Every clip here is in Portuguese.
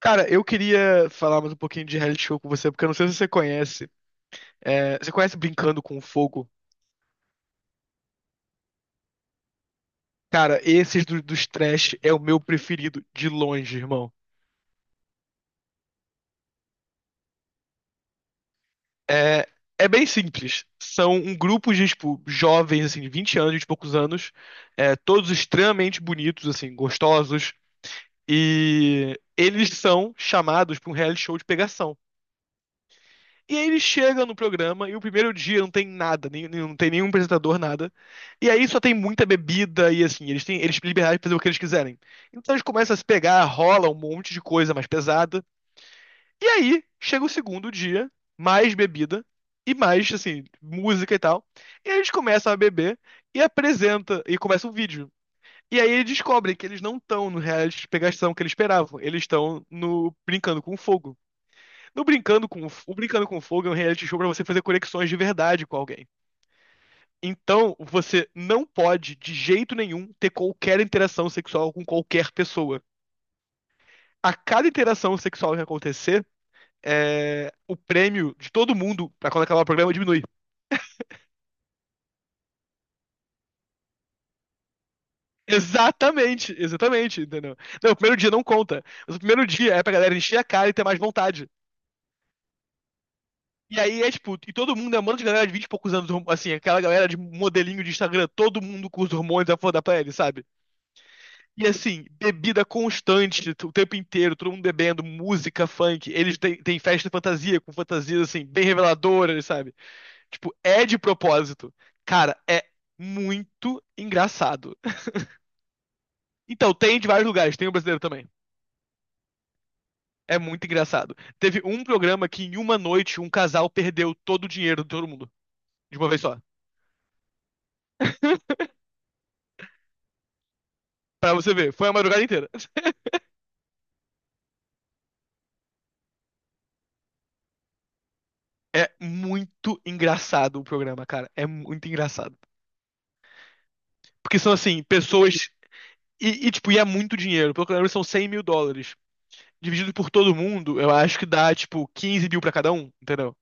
Cara, eu queria falar mais um pouquinho de reality show com você, porque eu não sei se você conhece. É, você conhece Brincando com Fogo? Cara, esses dos trash é o meu preferido, de longe, irmão. É, é bem simples. São um grupo de, tipo, jovens, assim, de 20 anos, de poucos anos, todos extremamente bonitos, assim, gostosos, e eles são chamados para um reality show de pegação. E aí ele chega no programa e o primeiro dia não tem nada, não tem nenhum apresentador, nada. E aí só tem muita bebida e assim, eles têm liberdade de fazer o que eles quiserem. Então eles começam a se pegar, rola um monte de coisa mais pesada. E aí chega o segundo dia, mais bebida e mais, assim, música e tal. E aí eles começam a beber e apresenta, e começa um vídeo. E aí eles descobrem que eles não estão no reality de pegação que eles esperavam, eles estão no brincando com fogo. No Brincando com, O Brincando com Fogo é um reality show pra você fazer conexões de verdade com alguém. Então, você não pode, de jeito nenhum, ter qualquer interação sexual com qualquer pessoa. A cada interação sexual que acontecer, o prêmio de todo mundo pra quando acabar o programa diminui. Exatamente, exatamente, entendeu? Não, o primeiro dia não conta. Mas o primeiro dia é pra galera encher a cara e ter mais vontade. E aí é tipo, e todo mundo é um monte de galera de 20 e poucos anos, assim, aquela galera de modelinho de Instagram, todo mundo com os hormônios à flor da pele, sabe? E assim, bebida constante, o tempo inteiro, todo mundo bebendo, música, funk. Eles têm festa de fantasia, com fantasias, assim, bem reveladoras, sabe? Tipo, é de propósito. Cara, é muito engraçado. Então, tem de vários lugares, tem o brasileiro também. É muito engraçado. Teve um programa que em uma noite um casal perdeu todo o dinheiro de todo mundo, de uma vez só. Pra você ver, foi a madrugada inteira. É muito engraçado o programa, cara. É muito engraçado. Porque são, assim, pessoas. E, tipo, e é muito dinheiro. Pelo que eu lembro, são US$ 100 mil. Dividido por todo mundo, eu acho que dá, tipo, 15 mil pra cada um, entendeu?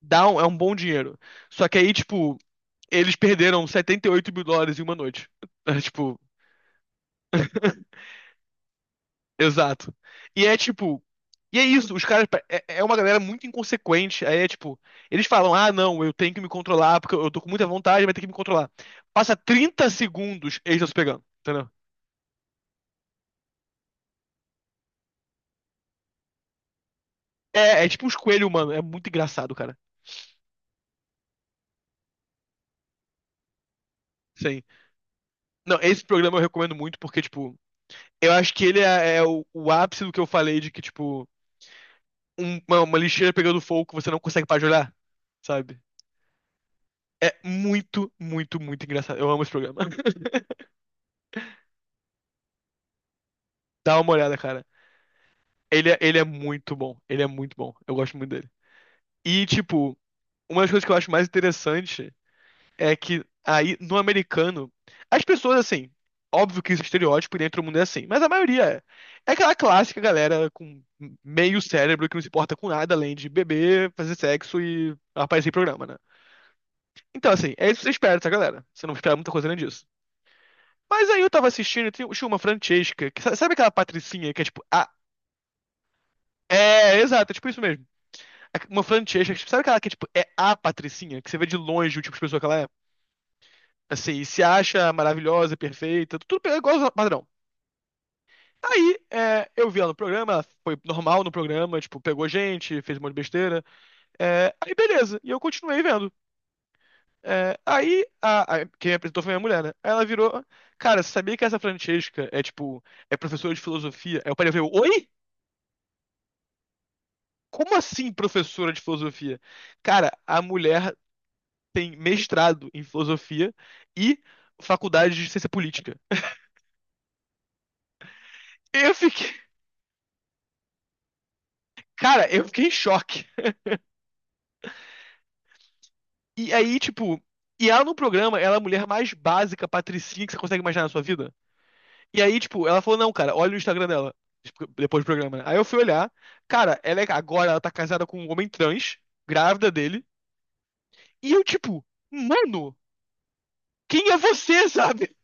É um bom dinheiro. Só que aí, tipo, eles perderam US$ 78 mil em uma noite. É, tipo, exato. E é, tipo... E é isso, os caras... É uma galera muito inconsequente. Aí é, tipo... Eles falam, ah, não, eu tenho que me controlar, porque eu tô com muita vontade, vai ter que me controlar. Passa 30 segundos, eles estão se pegando, entendeu? É tipo uns coelhos, mano. É muito engraçado, cara. Sim. Não, esse programa eu recomendo muito porque, tipo, eu acho que ele é o ápice do que eu falei de que, tipo, uma lixeira pegando fogo que você não consegue parar de olhar, sabe? É muito, muito, muito engraçado. Eu amo esse programa. Dá uma olhada, cara. Ele é muito bom. Ele é muito bom. Eu gosto muito dele. E, tipo, uma das coisas que eu acho mais interessante é que aí, no americano, as pessoas, assim, óbvio que isso é estereótipo e dentro do mundo é assim, mas a maioria é. É aquela clássica galera com meio cérebro que não se importa com nada além de beber, fazer sexo e aparecer em programa, né? Então, assim, é isso que você espera dessa galera. Você não espera muita coisa além disso. Mas aí eu tava assistindo e tinha uma Francesca, que sabe aquela patricinha que é tipo, a... É, exato, é tipo isso mesmo. É uma Francesca, sabe aquela que é tipo, é a patricinha, que você vê de longe o tipo de pessoa que ela é? Assim, se acha maravilhosa, perfeita, tudo é igual ao padrão. Tá. Aí, eu vi ela no programa, ela foi normal no programa, tipo, pegou gente, fez um monte de besteira. É, aí, beleza, e eu continuei vendo. É, aí, quem me apresentou foi minha mulher, né? Aí ela virou, cara, você sabia que essa Francesca é, tipo, é professora de filosofia? Aí o pai veio, oi? Como assim professora de filosofia? Cara, a mulher tem mestrado em filosofia e faculdade de ciência política. Eu fiquei, cara, eu fiquei em choque. E aí, tipo, e ela no programa, ela é a mulher mais básica, patricinha que você consegue imaginar na sua vida. E aí, tipo, ela falou, não, cara, olha o Instagram dela. Tipo, depois do programa, né? Aí eu fui olhar. Cara, agora ela tá casada com um homem trans, grávida dele. E eu, tipo, mano, quem é você, sabe?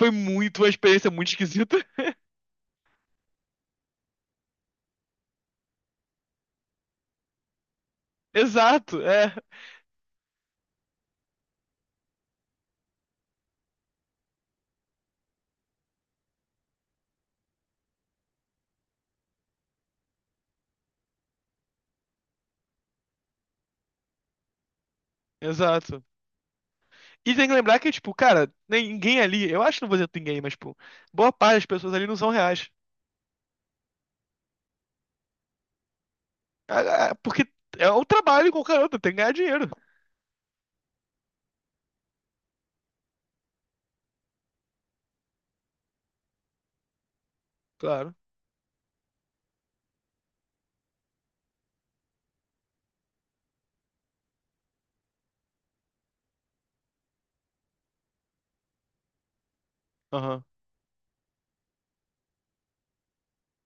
Foi muito uma experiência muito esquisita. Exato, exato. E tem que lembrar que, tipo, cara, ninguém ali, eu acho que não vou dizer ninguém, mas, tipo, boa parte das pessoas ali não são reais. Ah, porque é um trabalho com o outro, tem que ganhar dinheiro. Claro. Aham.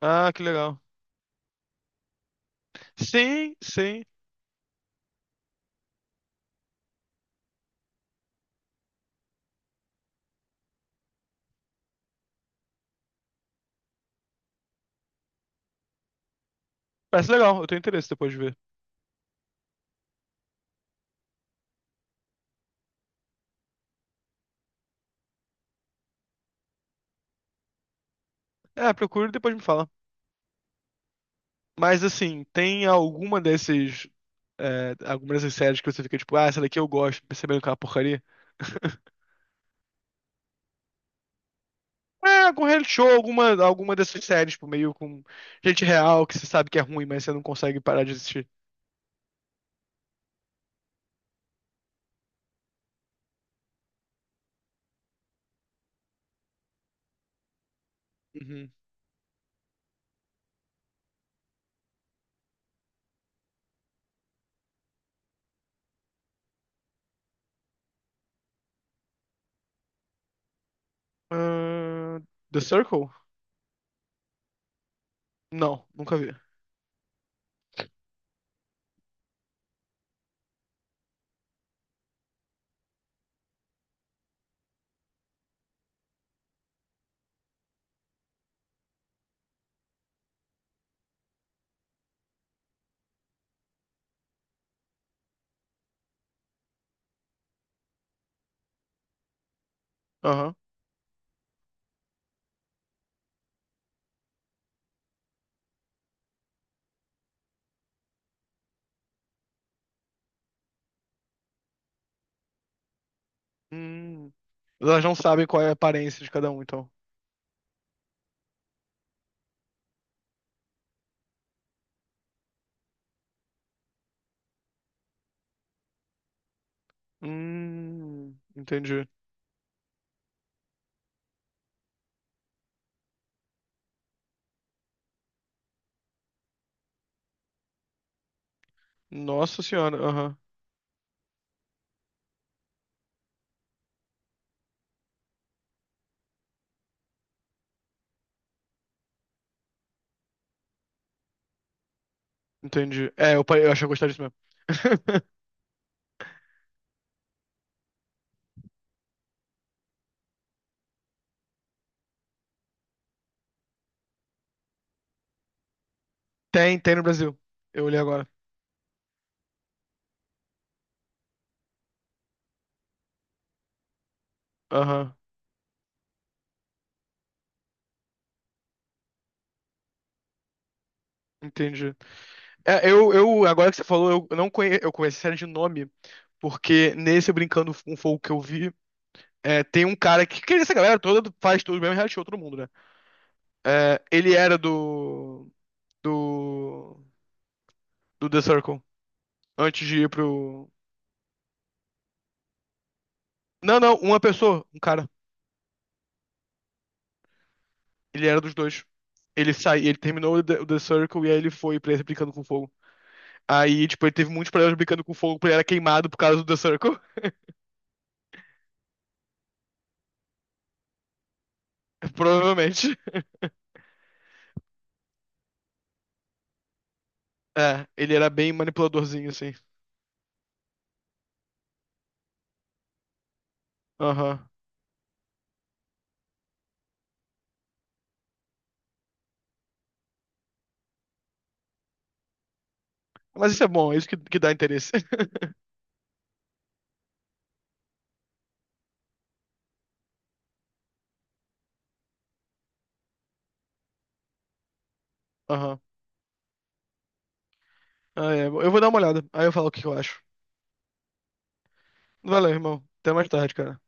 Ah, que legal. Sim, sim. Parece legal, eu tenho interesse depois de ver. É, procura e depois me fala. Mas assim, tem alguma desses. É, alguma dessas séries que você fica tipo, ah, essa daqui eu gosto, percebendo que é uma porcaria? É, algum reality show, alguma dessas séries, tipo, meio com gente real que você sabe que é ruim, mas você não consegue parar de assistir. Uhum. Ah, The Circle? Não, nunca vi. Aham. Hum. Elas não sabem qual é a aparência de cada um, então. Entendi. Nossa senhora, aham. Entendi. É, eu achei que eu gostaria disso mesmo. Tem no Brasil. Eu olhei agora. Aham, entendi. É, agora que você falou, eu não conhe, eu conheço a série de nome, porque nesse Brincando com Fogo que eu vi, tem um cara que essa galera toda faz tudo mesmo, reality show, todo mundo, né? É, ele era do, do The Circle, antes de ir pro... Não, não, uma pessoa, um cara. Ele era dos dois. Ele saiu, ele terminou o The Circle e aí ele foi pra esse Brincando com Fogo. Aí, tipo, ele teve muitos problemas brincando com fogo porque ele era queimado por causa do The Circle. Provavelmente. É, ele era bem manipuladorzinho, assim. Aham. Mas isso é bom, é isso que dá interesse. Aham. Ah, é. Eu vou dar uma olhada. Aí eu falo o que eu acho. Valeu, irmão. Até mais tarde, cara.